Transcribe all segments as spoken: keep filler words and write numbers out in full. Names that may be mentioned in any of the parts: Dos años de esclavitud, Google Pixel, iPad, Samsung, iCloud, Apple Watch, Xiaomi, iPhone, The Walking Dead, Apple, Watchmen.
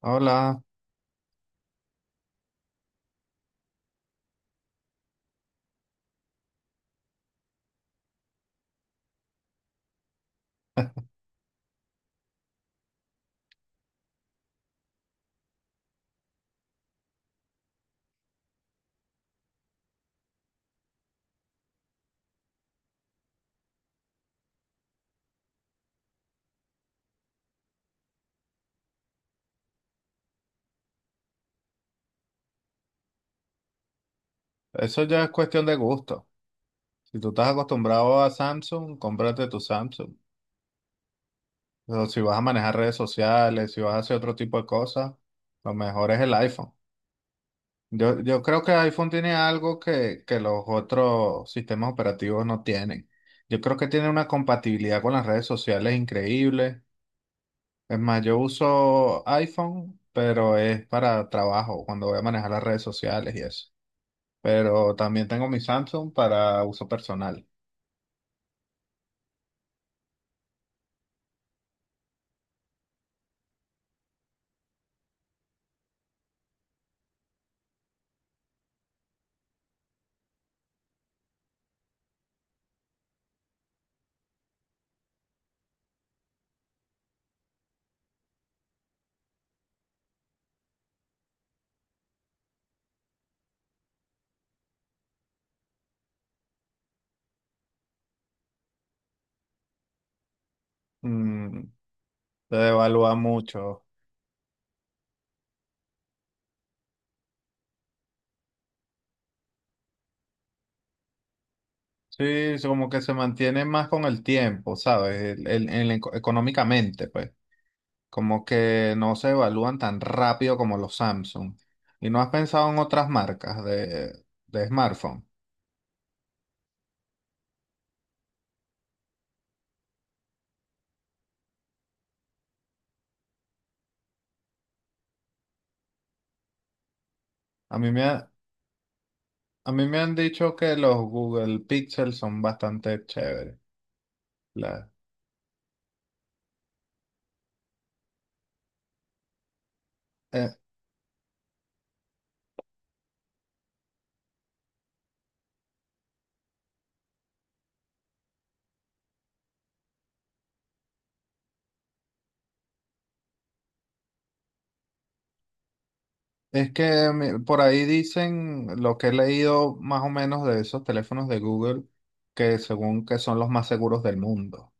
Hola, eso ya es cuestión de gusto. Si tú estás acostumbrado a Samsung, cómprate tu Samsung. Pero si vas a manejar redes sociales, si vas a hacer otro tipo de cosas, lo mejor es el iPhone. Yo, yo creo que iPhone tiene algo que, que los otros sistemas operativos no tienen. Yo creo que tiene una compatibilidad con las redes sociales increíble. Es más, yo uso iPhone, pero es para trabajo, cuando voy a manejar las redes sociales y eso. Pero también tengo mi Samsung para uso personal. Mm, se devalúa mucho. Sí, es como que se mantiene más con el tiempo, ¿sabes? El- el- el eco- económicamente, pues. Como que no se evalúan tan rápido como los Samsung. ¿Y no has pensado en otras marcas de, de smartphone? A mí me ha- a mí me han dicho que los Google Pixel son bastante chéveres. La- eh, es que mi- por ahí dicen lo que he leído más o menos de esos teléfonos de Google, que según que son los más seguros del mundo,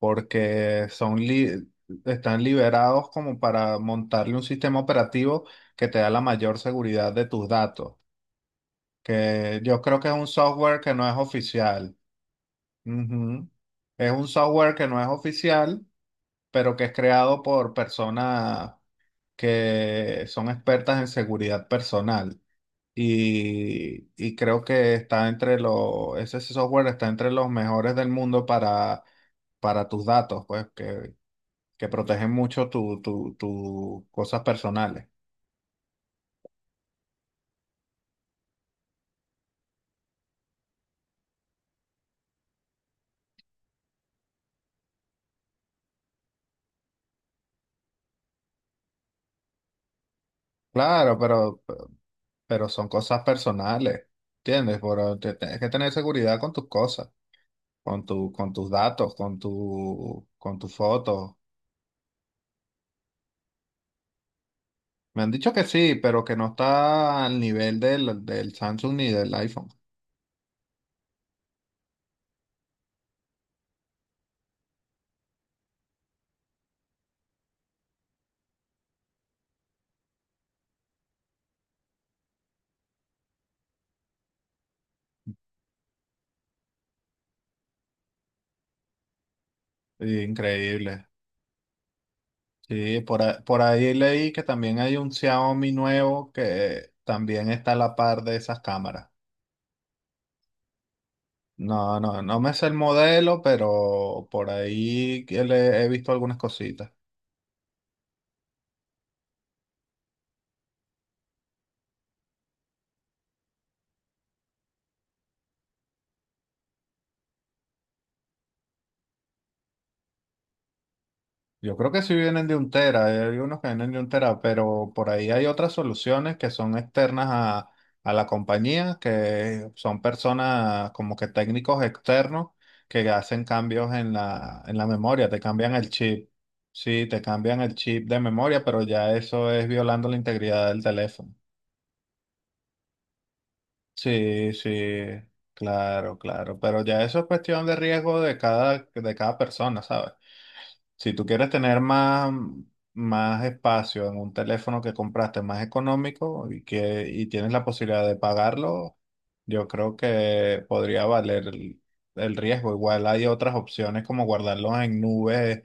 porque son li- están liberados como para montarle un sistema operativo que te da la mayor seguridad de tus datos, que yo creo que es un software que no es oficial. Ujú. Es un software que no es oficial, pero que es creado por personas que son expertas en seguridad personal. Y, y creo que está entre los, ese software está entre los mejores del mundo para, para tus datos, pues que, que protegen mucho tu, tu, tu cosas personales. Claro, pero, pero, son cosas personales, ¿entiendes? Pero te- tienes que tener seguridad con tus cosas, con tu, con tus datos, con tu, con tus fotos. Me han dicho que sí, pero que no está al nivel del, del Samsung ni del iPhone. Sí, increíble. Sí, por, a- por ahí leí que también hay un Xiaomi nuevo que también está a la par de esas cámaras. No, no, no me sé el modelo, pero por ahí que le he visto algunas cositas. Yo creo que sí vienen de un tera, hay unos que vienen de un tera, pero por ahí hay otras soluciones que son externas a, a la compañía, que son personas como que técnicos externos que hacen cambios en la, en la memoria, te cambian el chip. Sí, te cambian el chip de memoria, pero ya eso es violando la integridad del teléfono. Sí, sí, claro, claro, pero ya eso es cuestión de riesgo de cada, de cada persona, ¿sabes? Si tú quieres tener más, más espacio en un teléfono que compraste más económico y que y tienes la posibilidad de pagarlo, yo creo que podría valer el, el riesgo. Igual hay otras opciones como guardarlos en nubes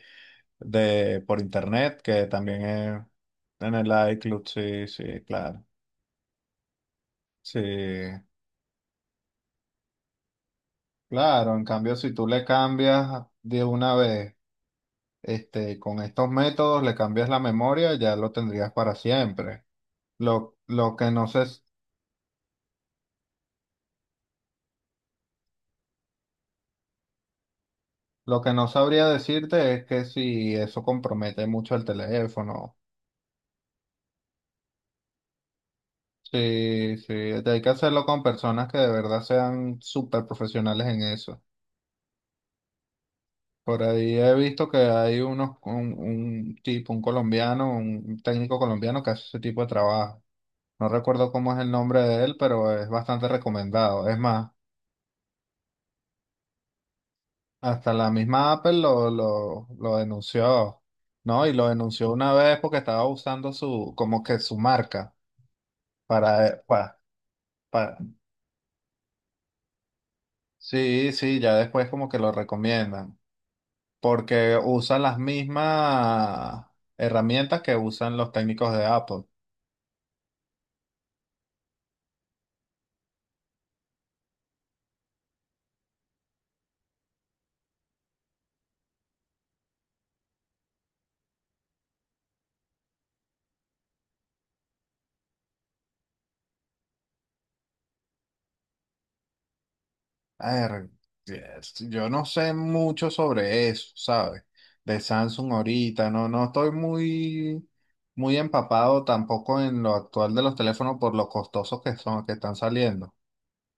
de por internet, que también es en el iCloud, sí, sí, claro. Sí. Claro, en cambio, si tú le cambias de una vez, este, con estos métodos le cambias la memoria, ya lo tendrías para siempre. Lo, lo que no sé, s- lo que no sabría decirte es que si eso compromete mucho el teléfono. Sí, sí, hay que hacerlo con personas que de verdad sean súper profesionales en eso. Por ahí he visto que hay unos, un, un tipo, un colombiano, un técnico colombiano que hace ese tipo de trabajo. No recuerdo cómo es el nombre de él, pero es bastante recomendado. Es más, hasta la misma Apple lo, lo, lo denunció, ¿no? Y lo denunció una vez porque estaba usando su, como que su marca para, para, para. Sí, sí, ya después como que lo recomiendan, porque usan las mismas herramientas que usan los técnicos de Apple. A ver, yes, yo no sé mucho sobre eso, ¿sabes? De Samsung ahorita, no, no estoy muy, muy empapado tampoco en lo actual de los teléfonos por lo costosos que son, que están saliendo.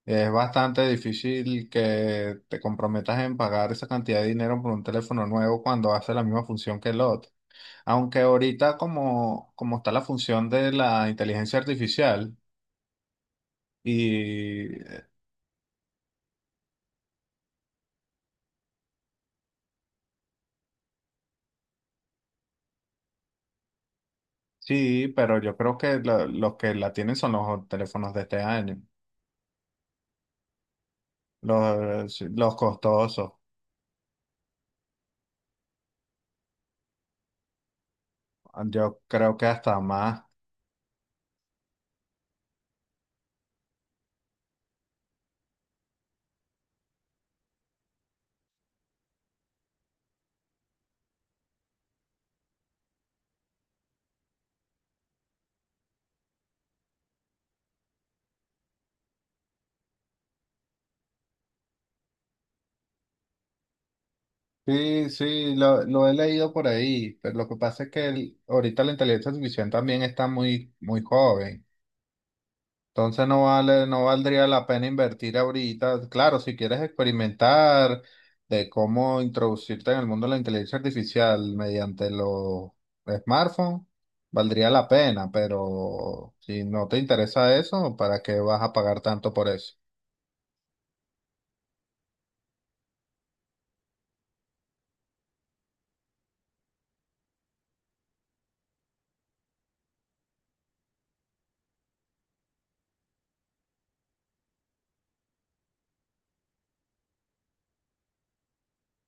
Es bastante difícil que te comprometas en pagar esa cantidad de dinero por un teléfono nuevo cuando hace la misma función que el otro. Aunque ahorita como, como está la función de la inteligencia artificial, y Sí, pero yo creo que lo los que la tienen son los teléfonos de este año, los, los costosos, yo creo que hasta más. Sí, sí, lo, lo he leído por ahí, pero lo que pasa es que el- ahorita la inteligencia artificial también está muy, muy joven. Entonces no vale, no valdría la pena invertir ahorita. Claro, si quieres experimentar de cómo introducirte en el mundo de la inteligencia artificial mediante los smartphones, valdría la pena, pero si no te interesa eso, ¿para qué vas a pagar tanto por eso?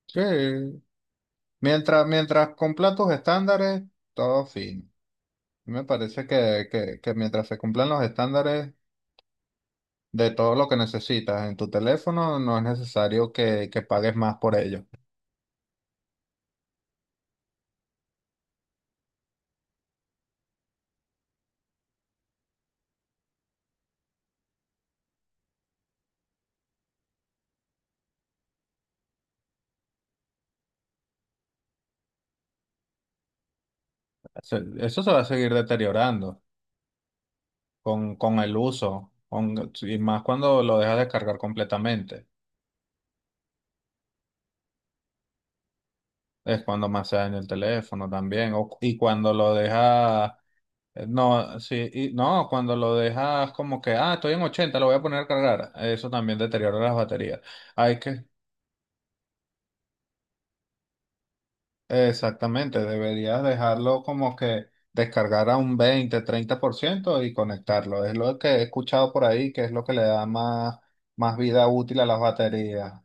Sí, mientras, mientras cumpla tus estándares, todo fino. Me parece que, que, que, mientras se cumplan los estándares de todo lo que necesitas en tu teléfono, no es necesario que, que pagues más por ello. Eso, eso se va a seguir deteriorando con, con el uso, con, y más cuando lo dejas descargar completamente. Es cuando más se daña el teléfono también. O, y cuando lo dejas, eh, no, sí, y, no, cuando lo dejas como que, ah, estoy en ochenta lo voy a poner a cargar. Eso también deteriora las baterías. Hay que, exactamente, deberías dejarlo como que descargar a un veinte treinta por ciento y conectarlo. Es lo que he escuchado por ahí, que es lo que le da más, más vida útil a las baterías.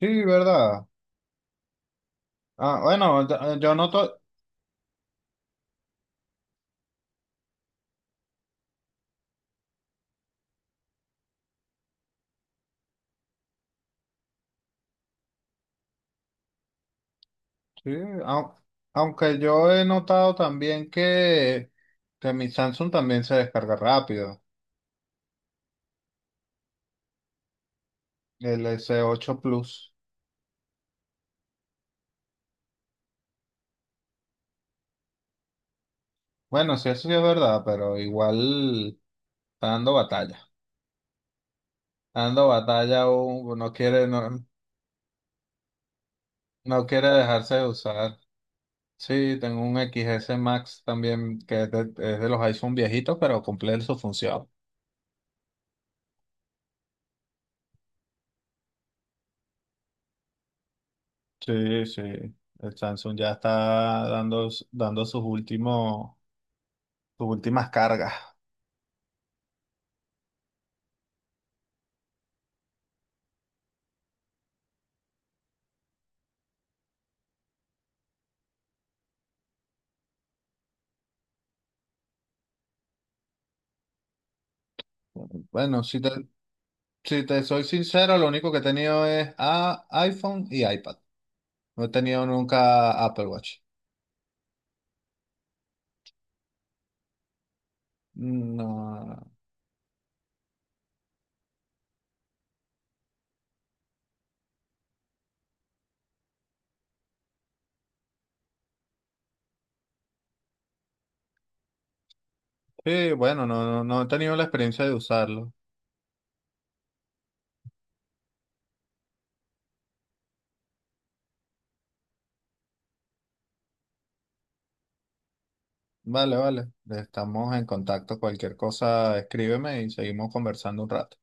Sí, ¿verdad? Ah, bueno, yo, yo noto, sí, au- aunque yo he notado también que, que mi Samsung también se descarga rápido, el s ocho Plus. Bueno, sí, eso sí es verdad, pero igual está dando batalla. Está dando batalla, uh, no quiere, no, no quiere dejarse de usar. Sí, tengo un X S Max también que es de, es de los iPhone viejitos, pero cumple su función. Sí, sí. El Samsung ya está dando, dando sus últimos, sus últimas cargas. Bueno, si te, si te soy sincero, lo único que he tenido es a- iPhone y iPad. No he tenido nunca Apple Watch. No. Sí, bueno, no, no, no he tenido la experiencia de usarlo. Vale, vale. Estamos en contacto. Cualquier cosa, escríbeme y seguimos conversando un rato.